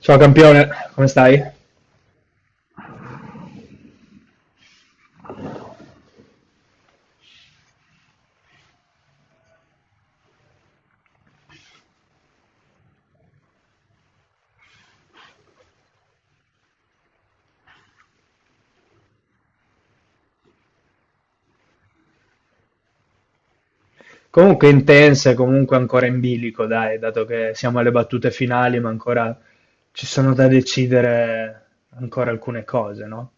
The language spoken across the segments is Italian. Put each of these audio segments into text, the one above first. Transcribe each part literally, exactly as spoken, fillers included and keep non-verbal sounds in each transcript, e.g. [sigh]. Ciao campione, come stai? Comunque intense, comunque ancora in bilico, dai, dato che siamo alle battute finali, ma ancora ci sono da decidere ancora alcune cose, no?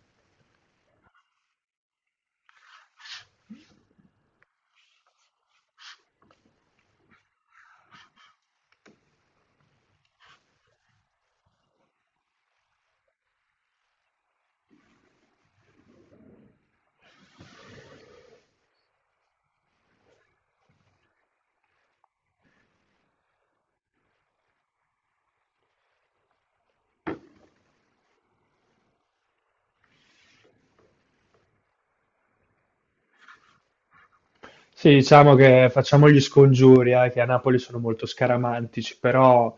Sì, diciamo che facciamo gli scongiuri, eh, che a Napoli sono molto scaramantici, però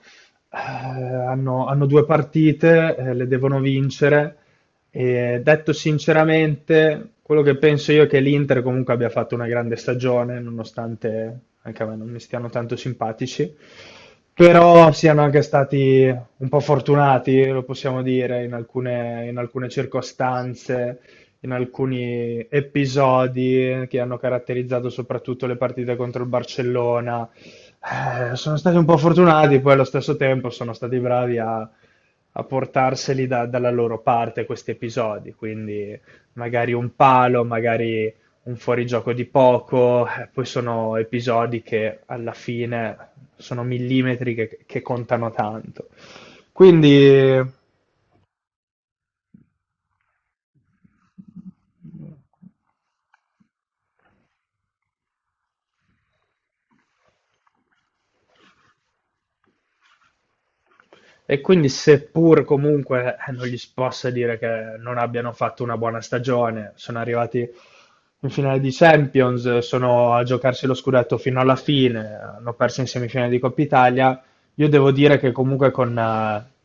eh, hanno, hanno due partite, eh, le devono vincere. E detto sinceramente, quello che penso io è che l'Inter comunque abbia fatto una grande stagione, nonostante anche a me non mi stiano tanto simpatici, però siano anche stati un po' fortunati, lo possiamo dire, in alcune, in alcune circostanze in alcuni episodi che hanno caratterizzato soprattutto le partite contro il Barcellona. Eh, sono stati un po' fortunati, poi allo stesso tempo sono stati bravi a, a portarseli da- dalla loro parte questi episodi, quindi magari un palo, magari un fuorigioco di poco, eh, poi sono episodi che alla fine sono millimetri che, che contano tanto. Quindi e quindi, seppur comunque eh, non gli si possa dire che non abbiano fatto una buona stagione, sono arrivati in finale di Champions, sono a giocarsi lo scudetto fino alla fine, hanno perso in semifinale di Coppa Italia. Io devo dire che comunque con eh,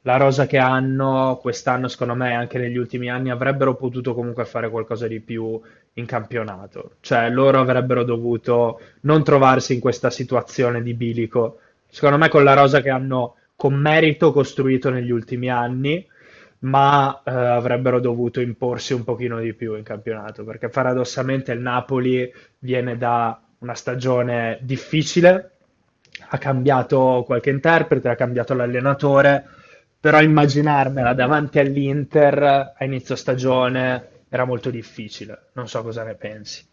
la rosa che hanno quest'anno, secondo me, anche negli ultimi anni, avrebbero potuto comunque fare qualcosa di più in campionato. Cioè, loro avrebbero dovuto non trovarsi in questa situazione di bilico secondo me con la rosa che hanno con merito costruito negli ultimi anni, ma eh, avrebbero dovuto imporsi un pochino di più in campionato, perché paradossalmente il Napoli viene da una stagione difficile, ha cambiato qualche interprete, ha cambiato l'allenatore, però immaginarmela davanti all'Inter a inizio stagione era molto difficile. Non so cosa ne pensi.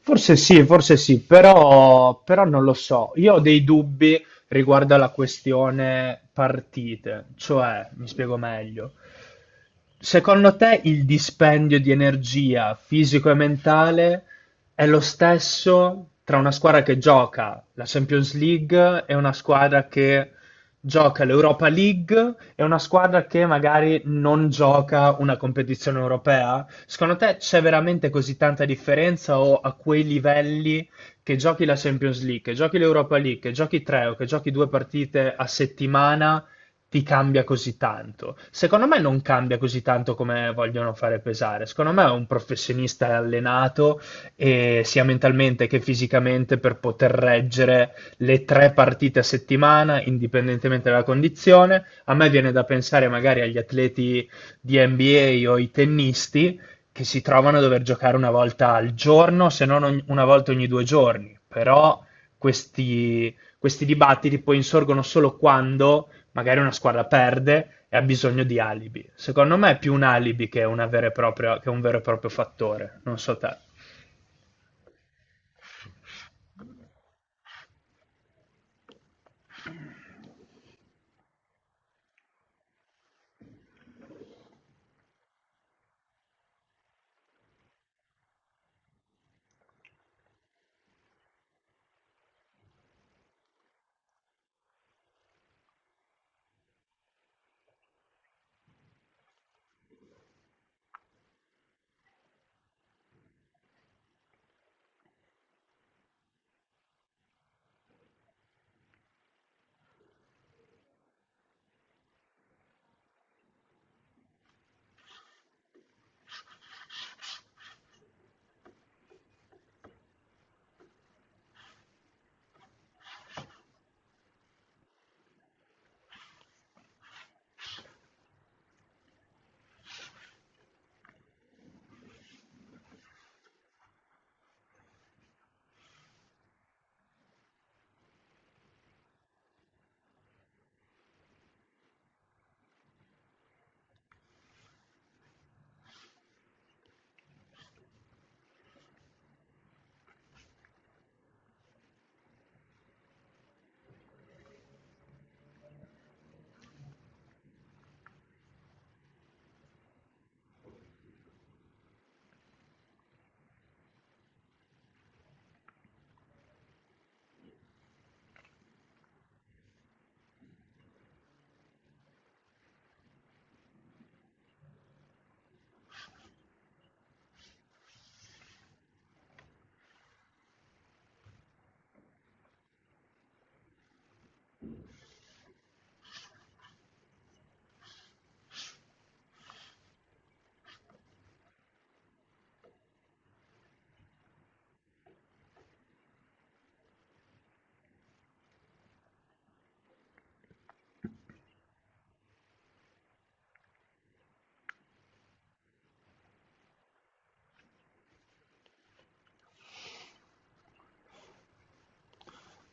Forse sì, forse sì, però, però non lo so. Io ho dei dubbi riguardo alla questione partite, cioè, mi spiego meglio. Secondo te il dispendio di energia fisico e mentale è lo stesso tra una squadra che gioca la Champions League e una squadra che gioca l'Europa League, è una squadra che magari non gioca una competizione europea. Secondo te c'è veramente così tanta differenza o a quei livelli che giochi la Champions League, che giochi l'Europa League, che giochi tre o che giochi due partite a settimana, ti cambia così tanto? Secondo me non cambia così tanto come vogliono fare pesare. Secondo me è un professionista è allenato e sia mentalmente che fisicamente per poter reggere le tre partite a settimana, indipendentemente dalla condizione. A me viene da pensare magari agli atleti di N B A o ai tennisti che si trovano a dover giocare una volta al giorno, se non ogni- una volta ogni due giorni. Però questi, questi dibattiti poi insorgono solo quando magari una squadra perde e ha bisogno di alibi. Secondo me è più un alibi che, una vera e propria- che un vero e proprio fattore. Non so te.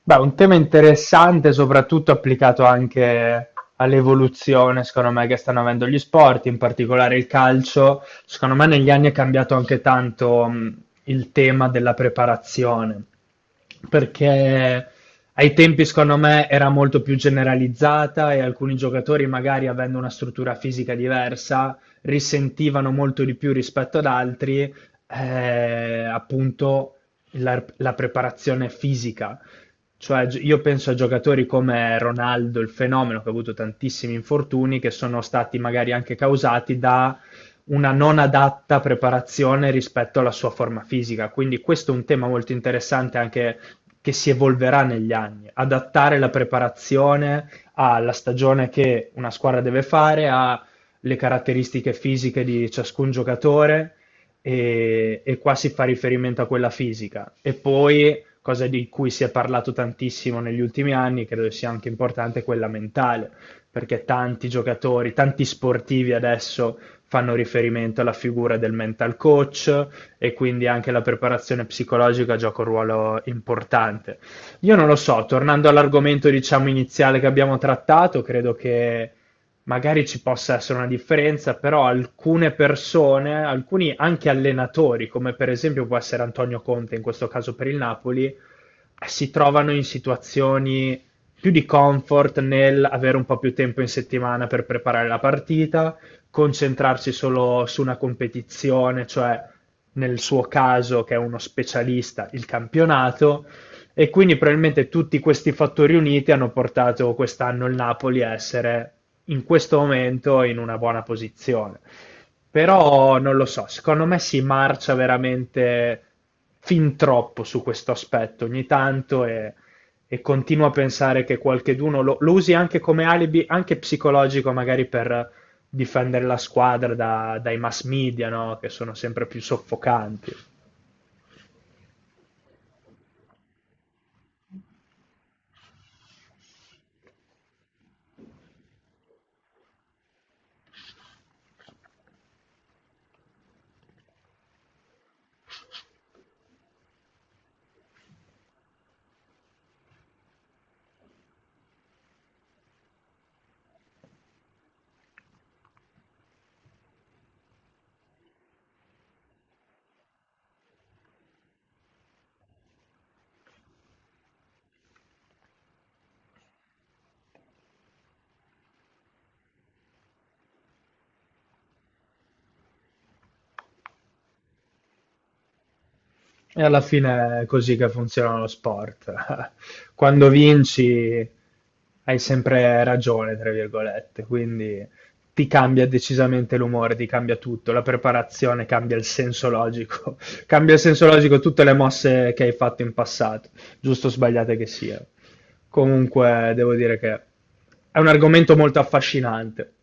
Beh, un tema interessante, soprattutto applicato anche all'evoluzione, secondo me, che stanno avendo gli sport, in particolare il calcio. Secondo me negli anni è cambiato anche tanto, mh, il tema della preparazione, perché ai tempi, secondo me, era molto più generalizzata e alcuni giocatori, magari avendo una struttura fisica diversa, risentivano molto di più rispetto ad altri, eh, appunto la, la preparazione fisica. Cioè, gi- io penso a giocatori come Ronaldo, il fenomeno, che ha avuto tantissimi infortuni, che sono stati magari anche causati da una non adatta preparazione rispetto alla sua forma fisica. Quindi questo è un tema molto interessante anche che si evolverà negli anni. Adattare la preparazione alla stagione che una squadra deve fare, alle caratteristiche fisiche di ciascun giocatore e, e qua si fa riferimento a quella fisica. E poi cosa di cui si è parlato tantissimo negli ultimi anni, credo sia anche importante quella mentale, perché tanti giocatori, tanti sportivi adesso fanno riferimento alla figura del mental coach e quindi anche la preparazione psicologica gioca un ruolo importante. Io non lo so, tornando all'argomento diciamo iniziale che abbiamo trattato, credo che magari ci possa essere una differenza, però alcune persone, alcuni anche allenatori, come per esempio può essere Antonio Conte in questo caso per il Napoli, eh, si trovano in situazioni più di comfort nel avere un po' più tempo in settimana per preparare la partita, concentrarsi solo su una competizione, cioè nel suo caso che è uno specialista, il campionato, e quindi probabilmente tutti questi fattori uniti hanno portato quest'anno il Napoli a essere in questo momento in una buona posizione. Però non lo so, secondo me si marcia veramente fin troppo su questo aspetto ogni tanto e, e continuo a pensare che qualcheduno lo, lo usi anche come alibi, anche psicologico, magari per difendere la squadra da- dai mass media, no? Che sono sempre più soffocanti. E alla fine è così che funziona lo sport. [laughs] Quando vinci hai sempre ragione, tra virgolette, quindi ti cambia decisamente l'umore, ti cambia tutto, la preparazione cambia il senso logico, [laughs] cambia il senso logico tutte le mosse che hai fatto in passato, giusto o sbagliate che siano. Comunque devo dire che è un argomento molto affascinante.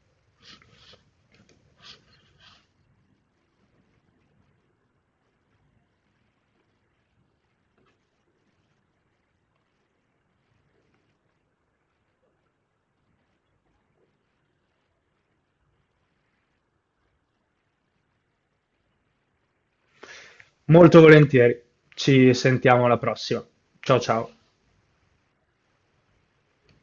Molto volentieri. Ci sentiamo alla prossima. Ciao ciao.